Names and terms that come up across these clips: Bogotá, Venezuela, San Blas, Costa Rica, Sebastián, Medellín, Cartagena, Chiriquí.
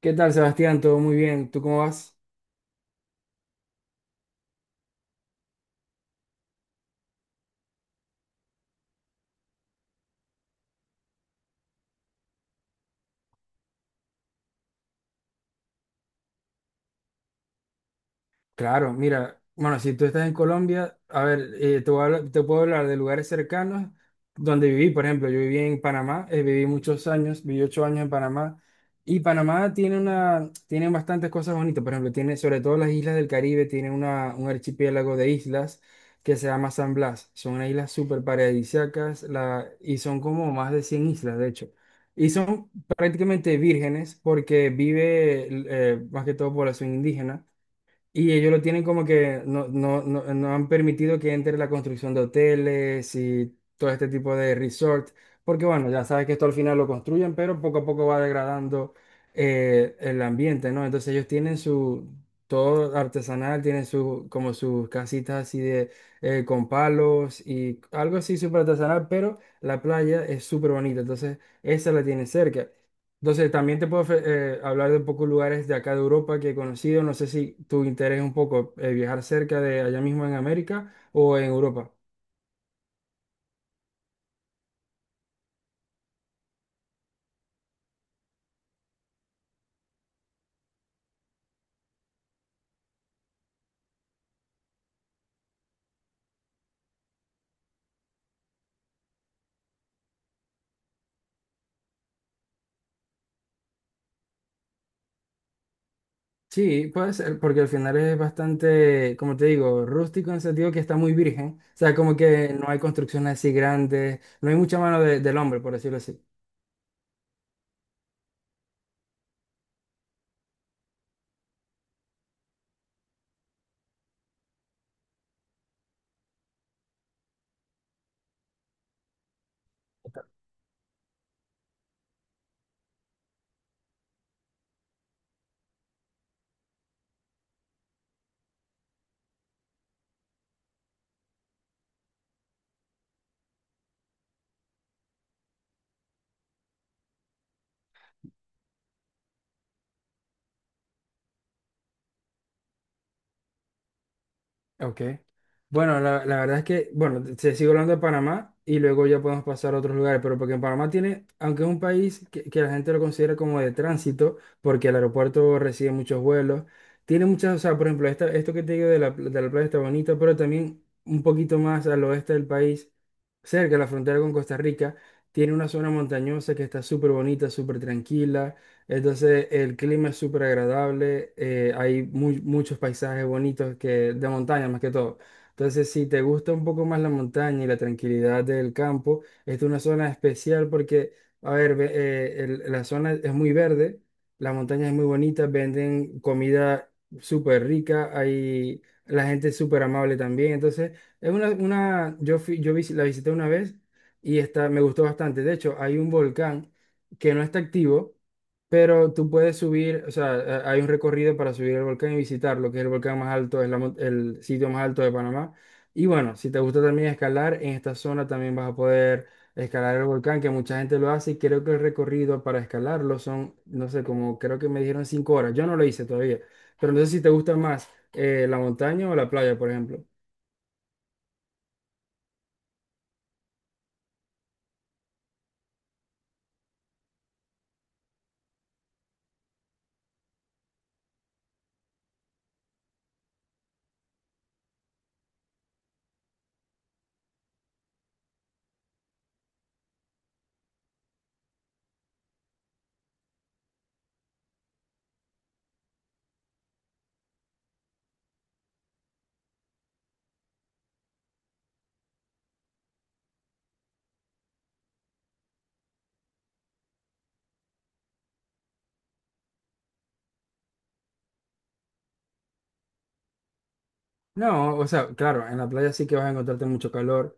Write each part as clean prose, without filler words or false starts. ¿Qué tal, Sebastián? ¿Todo muy bien? ¿Tú cómo vas? Claro, mira, bueno, si tú estás en Colombia, a ver, te puedo hablar de lugares cercanos donde viví, por ejemplo, yo viví en Panamá, viví muchos años, viví 8 años en Panamá, y Panamá tiene bastantes cosas bonitas, por ejemplo, tiene sobre todo las islas del Caribe, tiene una, un archipiélago de islas que se llama San Blas, son unas islas súper paradisíacas, y son como más de 100 islas, de hecho. Y son prácticamente vírgenes porque vive más que todo población indígena. Y ellos lo tienen como que no han permitido que entre la construcción de hoteles y todo este tipo de resort, porque bueno, ya sabes que esto al final lo construyen, pero poco a poco va degradando el ambiente, ¿no? Entonces ellos tienen todo artesanal, tienen su, como sus casitas así de, con palos y algo así súper artesanal, pero la playa es súper bonita, entonces esa la tiene cerca. Entonces, también te puedo hablar de un poco lugares de acá de Europa que he conocido. No sé si tu interés es un poco viajar cerca de allá mismo en América o en Europa. Sí, puede ser, porque al final es bastante, como te digo, rústico en el sentido que está muy virgen. O sea, como que no hay construcciones así grandes, no hay mucha del hombre, por decirlo así. Ok. Bueno, la verdad es que, bueno, se sigue hablando de Panamá y luego ya podemos pasar a otros lugares, pero porque en Panamá tiene, aunque es un país que la gente lo considera como de tránsito, porque el aeropuerto recibe muchos vuelos, tiene muchas, o sea, por ejemplo, esto que te digo de de la playa está bonito, pero también un poquito más al oeste del país, cerca de la frontera con Costa Rica, tiene una zona montañosa que está súper bonita, súper tranquila. Entonces el clima es súper agradable, hay muchos paisajes bonitos que, de montaña más que todo. Entonces si te gusta un poco más la montaña y la tranquilidad del campo, esta es una zona especial porque, a ver, la zona es muy verde, la montaña es muy bonita, venden comida súper rica, hay, la gente es súper amable también. Entonces es una yo, fui, la visité una vez y está, me gustó bastante. De hecho, hay un volcán que no está activo pero tú puedes subir, o sea, hay un recorrido para subir el volcán y visitarlo, que es el volcán más alto, es la el sitio más alto de Panamá. Y bueno, si te gusta también escalar, en esta zona también vas a poder escalar el volcán, que mucha gente lo hace y creo que el recorrido para escalarlo son, no sé, como creo que me dijeron 5 horas. Yo no lo hice todavía, pero no sé si te gusta más la montaña o la playa, por ejemplo. No, o sea, claro, en la playa sí que vas a encontrarte mucho calor.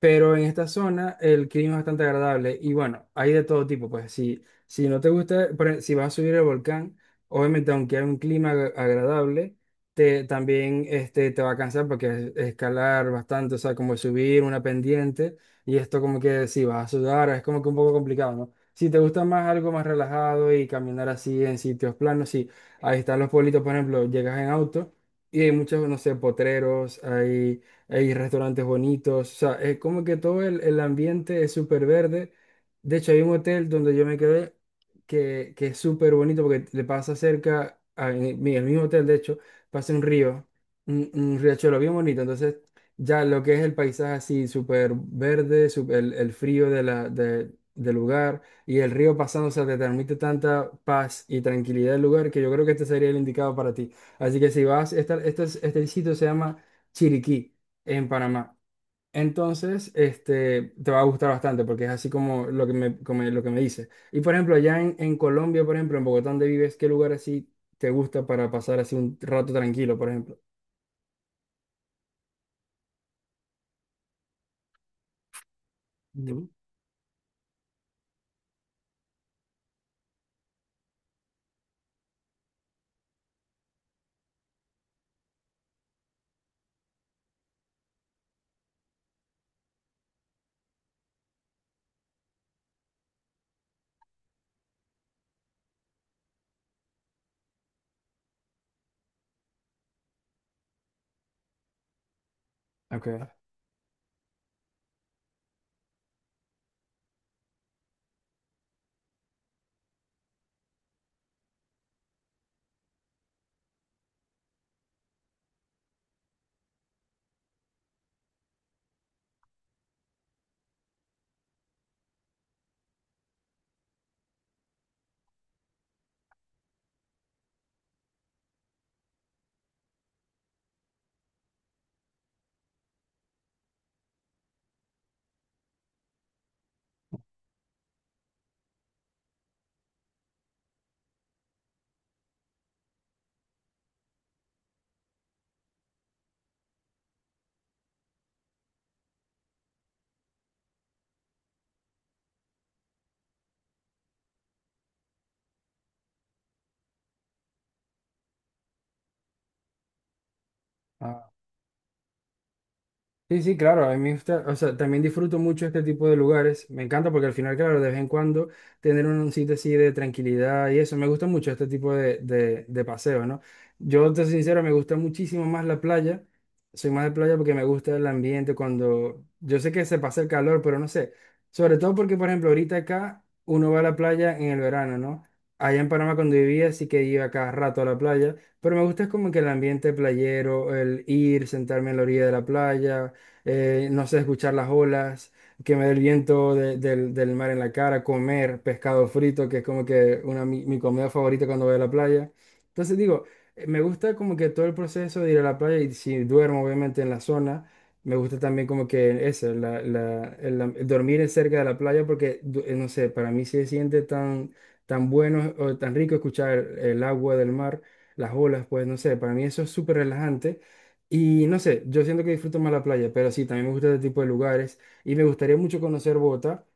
Pero en esta zona el clima es bastante agradable y bueno, hay de todo tipo, pues si, si no te gusta, si vas a subir el volcán, obviamente aunque hay un clima agradable, también este, te va a cansar porque es escalar bastante, o sea, como subir una pendiente y esto como que si vas a sudar, es como que un poco complicado, ¿no? Si te gusta más algo más relajado y caminar así en sitios planos, sí, ahí están los pueblitos, por ejemplo, llegas en auto y hay muchos, no sé, potreros, hay restaurantes bonitos, o sea, es como que todo el ambiente es súper verde. De hecho, hay un hotel donde yo me quedé que es súper bonito porque le pasa cerca, el mismo hotel, de hecho, pasa un río, un riachuelo bien bonito. Entonces, ya lo que es el paisaje así, súper verde, el frío de del lugar y el río pasando, o sea, te transmite tanta paz y tranquilidad del lugar que yo creo que este sería el indicado para ti. Así que si vas, este sitio se llama... Chiriquí en Panamá. Entonces, este, te va a gustar bastante porque es así como lo que me, como lo que me dices. Y por ejemplo, allá en Colombia, por ejemplo, en Bogotá, donde vives, ¿qué lugar así te gusta para pasar así un rato tranquilo, por ejemplo? No. Ok. Sí, sí, claro, a mí o sea, también disfruto mucho este tipo de lugares. Me encanta porque al final, claro, de vez en cuando tener un sitio así de tranquilidad y eso, me gusta mucho este tipo de, de paseo, ¿no? Yo, te soy sincero, me gusta muchísimo más la playa. Soy más de playa porque me gusta el ambiente cuando... Yo sé que se pasa el calor, pero no sé. Sobre todo porque, por ejemplo, ahorita acá uno va a la playa en el verano, ¿no? Allá en Panamá cuando vivía sí que iba cada rato a la playa, pero me gusta es como que el ambiente playero, el ir, sentarme en la orilla de la playa, no sé, escuchar las olas, que me dé el viento del mar en la cara, comer pescado frito, que es como que una, mi comida favorita cuando voy a la playa. Entonces digo, me gusta como que todo el proceso de ir a la playa y si duermo obviamente en la zona. Me gusta también como que eso, el dormir en cerca de la playa porque, no sé, para mí sí se siente tan, tan bueno o tan rico escuchar el agua del mar, las olas, pues no sé, para mí eso es súper relajante. Y no sé, yo siento que disfruto más la playa, pero sí, también me gusta este tipo de lugares y me gustaría mucho conocer Bogotá.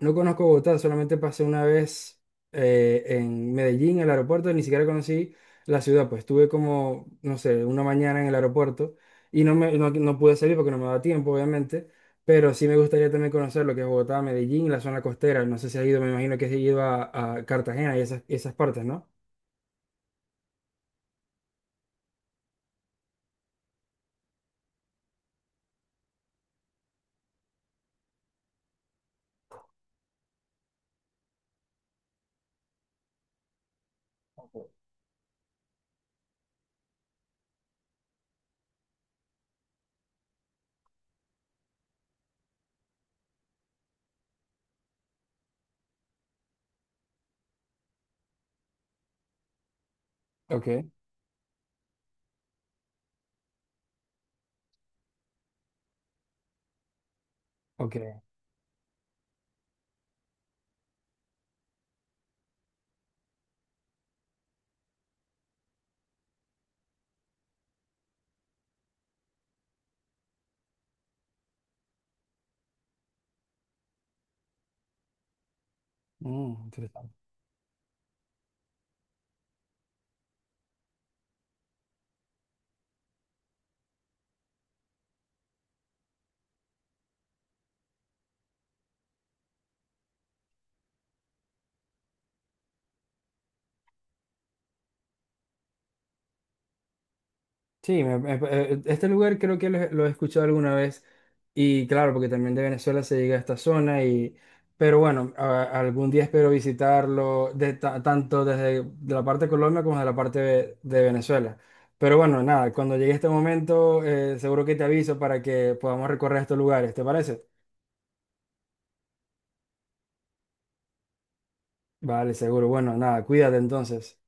No conozco Bogotá, solamente pasé una vez en Medellín, en el aeropuerto, ni siquiera conocí la ciudad, pues estuve como, no sé, una mañana en el aeropuerto y no pude salir porque no me daba tiempo, obviamente, pero sí me gustaría también conocer lo que es Bogotá, Medellín, la zona costera, no sé si has ido, me imagino que has ido a Cartagena y esas partes, ¿no? Ok, ok. Mm, interesante. Sí, este lugar creo que lo he escuchado alguna vez y claro, porque también de Venezuela se llega a esta zona y, pero bueno, algún día espero visitarlo de tanto desde de la parte de Colombia como de la parte de Venezuela. Pero bueno, nada, cuando llegue este momento, seguro que te aviso para que podamos recorrer estos lugares, ¿te parece? Vale, seguro. Bueno, nada, cuídate entonces.